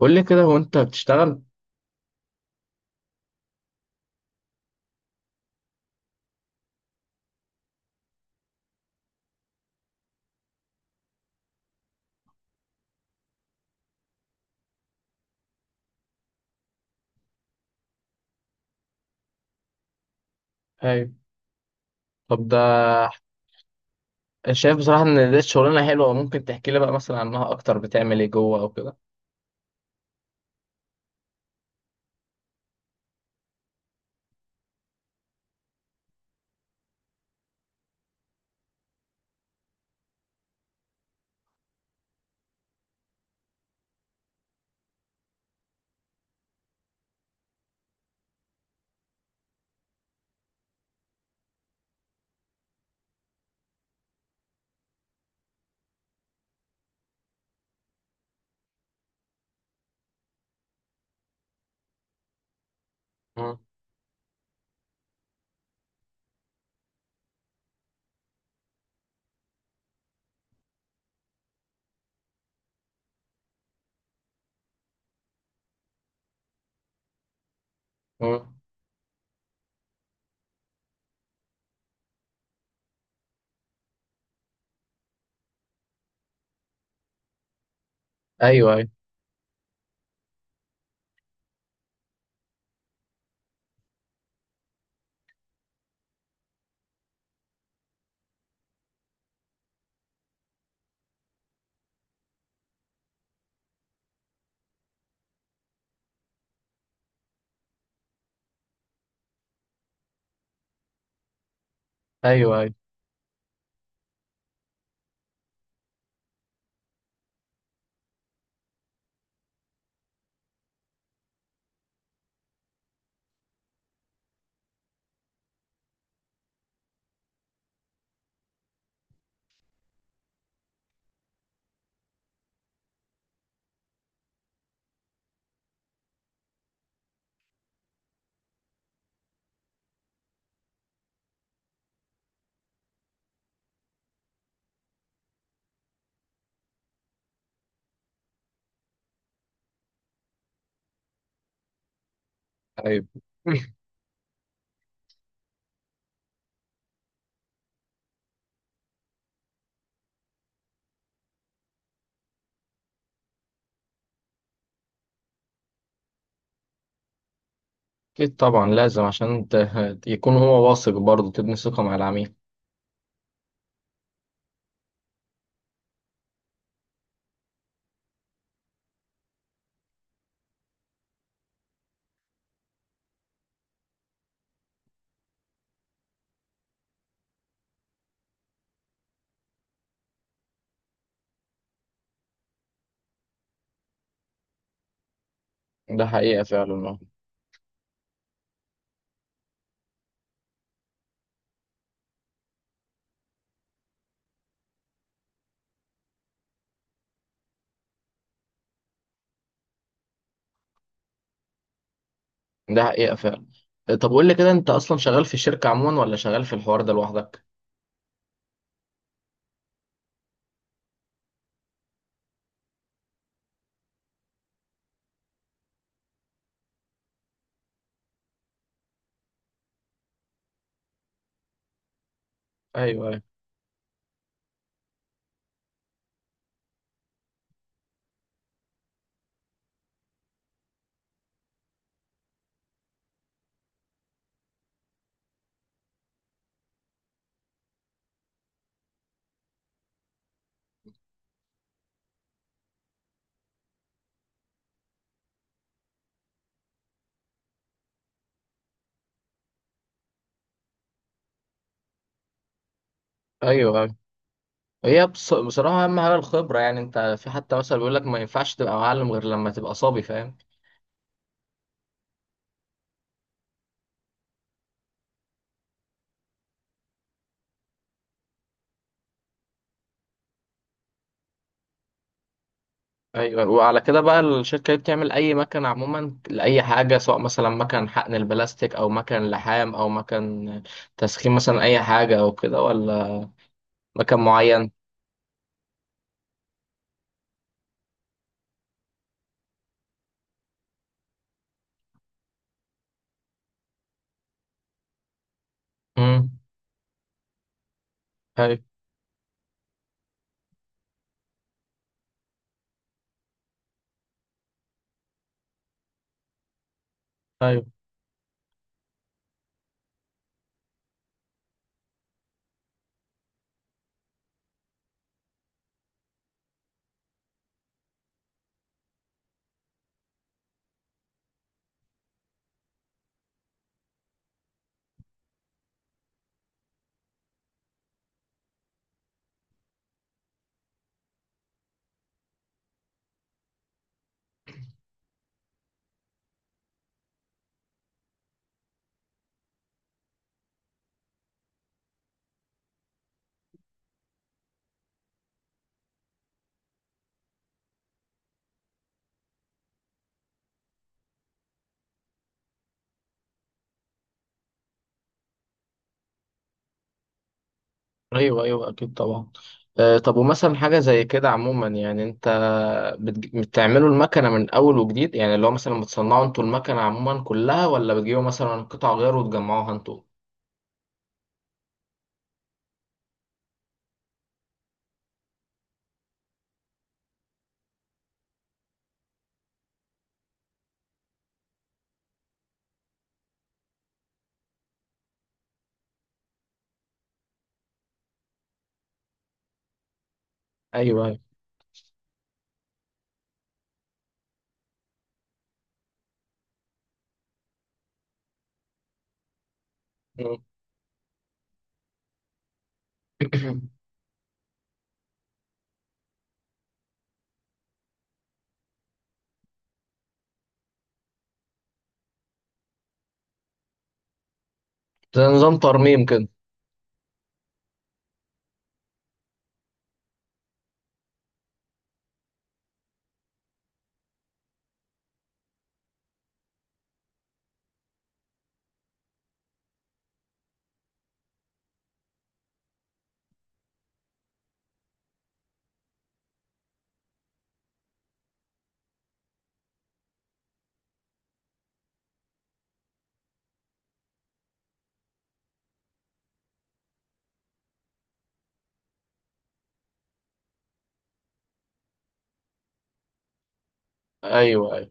قول لي كده، هو انت بتشتغل؟ ايوه. طب ده، شايف بصراحة ان دي شغلانة حلوة. ممكن تحكي لي بقى مثلا عنها اكتر؟ بتعمل ايه جوه او كده؟ مم. مم. ايوه. ايوه. ايوه. ايوه. ايوه. اكيد طبعا، لازم عشان انت يكون هو واثق، برضه تبني ثقة مع العميل. ده حقيقة فعلا، اه. ده حقيقة فعلا. طب قول لي كده، انت اصلا شغال في الشركة عموما ولا شغال في الحوار ده لوحدك؟ ايوه. ايوه. ايوه. ايوه. بصراحة اهم حاجة الخبرة، يعني انت في حتى مثلا بيقول لك ما ينفعش تبقى معلم غير لما تبقى صبي، فاهم؟ ايوه. وعلى كده بقى الشركه دي بتعمل اي مكن عموما لاي حاجه، سواء مثلا مكن حقن البلاستيك او مكن لحام او مكن تسخين مثلا، اي حاجه او كده، ولا مكن معين؟ امم. ايوه. ايوه. ايوه. ايوه اكيد طبعا. آه طب، ومثلا حاجه زي كده عموما، يعني انت بتعملوا المكنه من اول وجديد، يعني اللي هو مثلا بتصنعوا انتوا المكنه عموما كلها، ولا بتجيبوا مثلا قطع غيار وتجمعوها انتوا؟ ايوه. ايوه. مم. زي نظام ترميم كده؟ ايوه. ايوه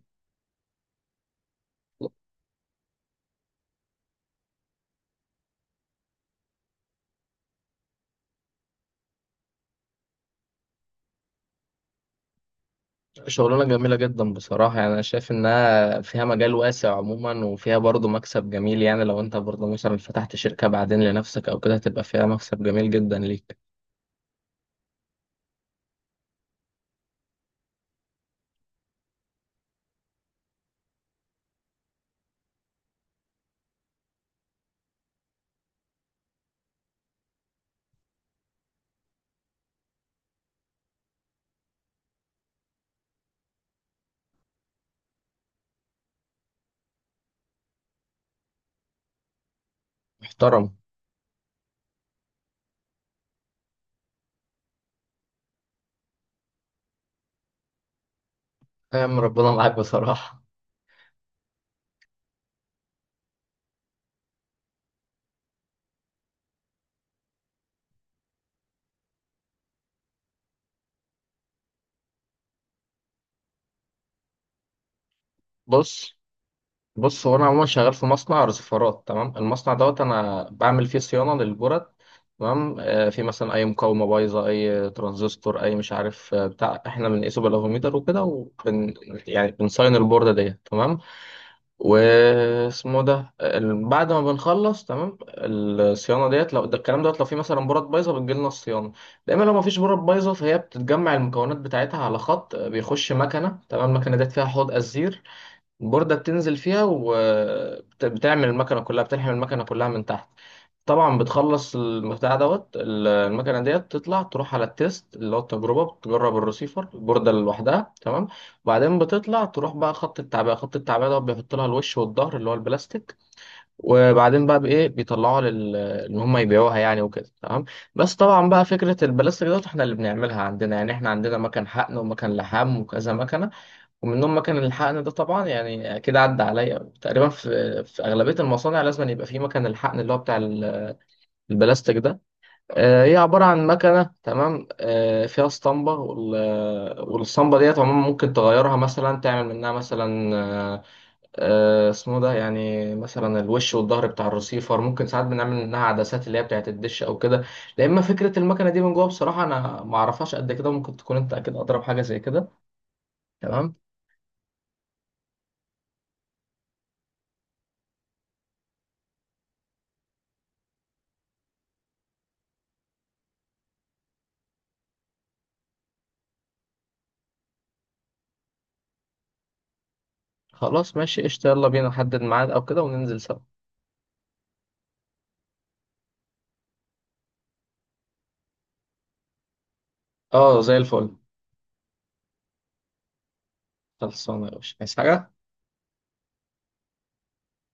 شغلانة جميلة جدا بصراحة، يعني أنا شايف إنها فيها مجال واسع عموما وفيها برضه مكسب جميل. يعني لو أنت برضه مثلا فتحت شركة بعدين لنفسك أو كده، هتبقى فيها مكسب جميل جدا ليك. محترم. فاهم، ربنا معاك بصراحة. بص بص هو أنا عموما شغال في مصنع رصفارات، تمام؟ المصنع دوت أنا بعمل فيه صيانة للبرد، تمام؟ آه، في مثلا أي مقاومة بايظة، أي ترانزستور، أي مش عارف آه، بتاع، إحنا بنقيسه بالأفوميتر وكده، وبن يعني بنصين البوردة ديت، تمام؟ بعد ما بنخلص تمام الصيانه ديت، لو ده الكلام دوت، لو في مثلا بورات بايظه بتجيلنا الصيانه دايما. لو ما فيش بورات بايظه، فهي بتتجمع المكونات بتاعتها على خط بيخش مكنه، تمام؟ المكنه ديت فيها حوض ازير، بوردة بتنزل فيها وبتعمل المكنة كلها، بتلحم المكنة كلها من تحت. طبعا بتخلص البتاع دوت، المكنة ديت تطلع تروح على التيست اللي هو التجربة، بتجرب الرسيفر البوردة لوحدها، تمام؟ وبعدين بتطلع تروح بقى خط التعبئة. خط التعبئة دوت بيحط لها الوش والظهر اللي هو البلاستيك. وبعدين بقى بإيه بيطلعوها لل إن هم يبيعوها يعني وكده، تمام. بس طبعا بقى فكرة البلاستيك دوت احنا اللي بنعملها عندنا، يعني احنا عندنا مكان حقن ومكان لحام وكذا مكنة. ومنهم مكان الحقن ده طبعا، يعني اكيد عدى عليا تقريبا، في اغلبيه المصانع لازم يبقى في مكان الحقن اللي هو بتاع البلاستيك ده. آه، هي عباره عن مكنه، تمام؟ آه، فيها اسطمبه، والاسطمبه ديت عموما ممكن تغيرها، مثلا تعمل منها مثلا آه، آه، اسمه ده، يعني مثلا الوش والظهر بتاع الرسيفر، ممكن ساعات بنعمل منها عدسات اللي هي بتاعت الدش او كده. لا اما فكره المكنه دي من جوه بصراحه انا ما اعرفهاش قد كده. ممكن تكون انت اكيد اضرب حاجه زي كده، تمام؟ خلاص ماشي قشطة، يلا بينا نحدد ميعاد أو كده وننزل سوا. اه زي الفل. خلصانة يا باشا، عايز حاجة؟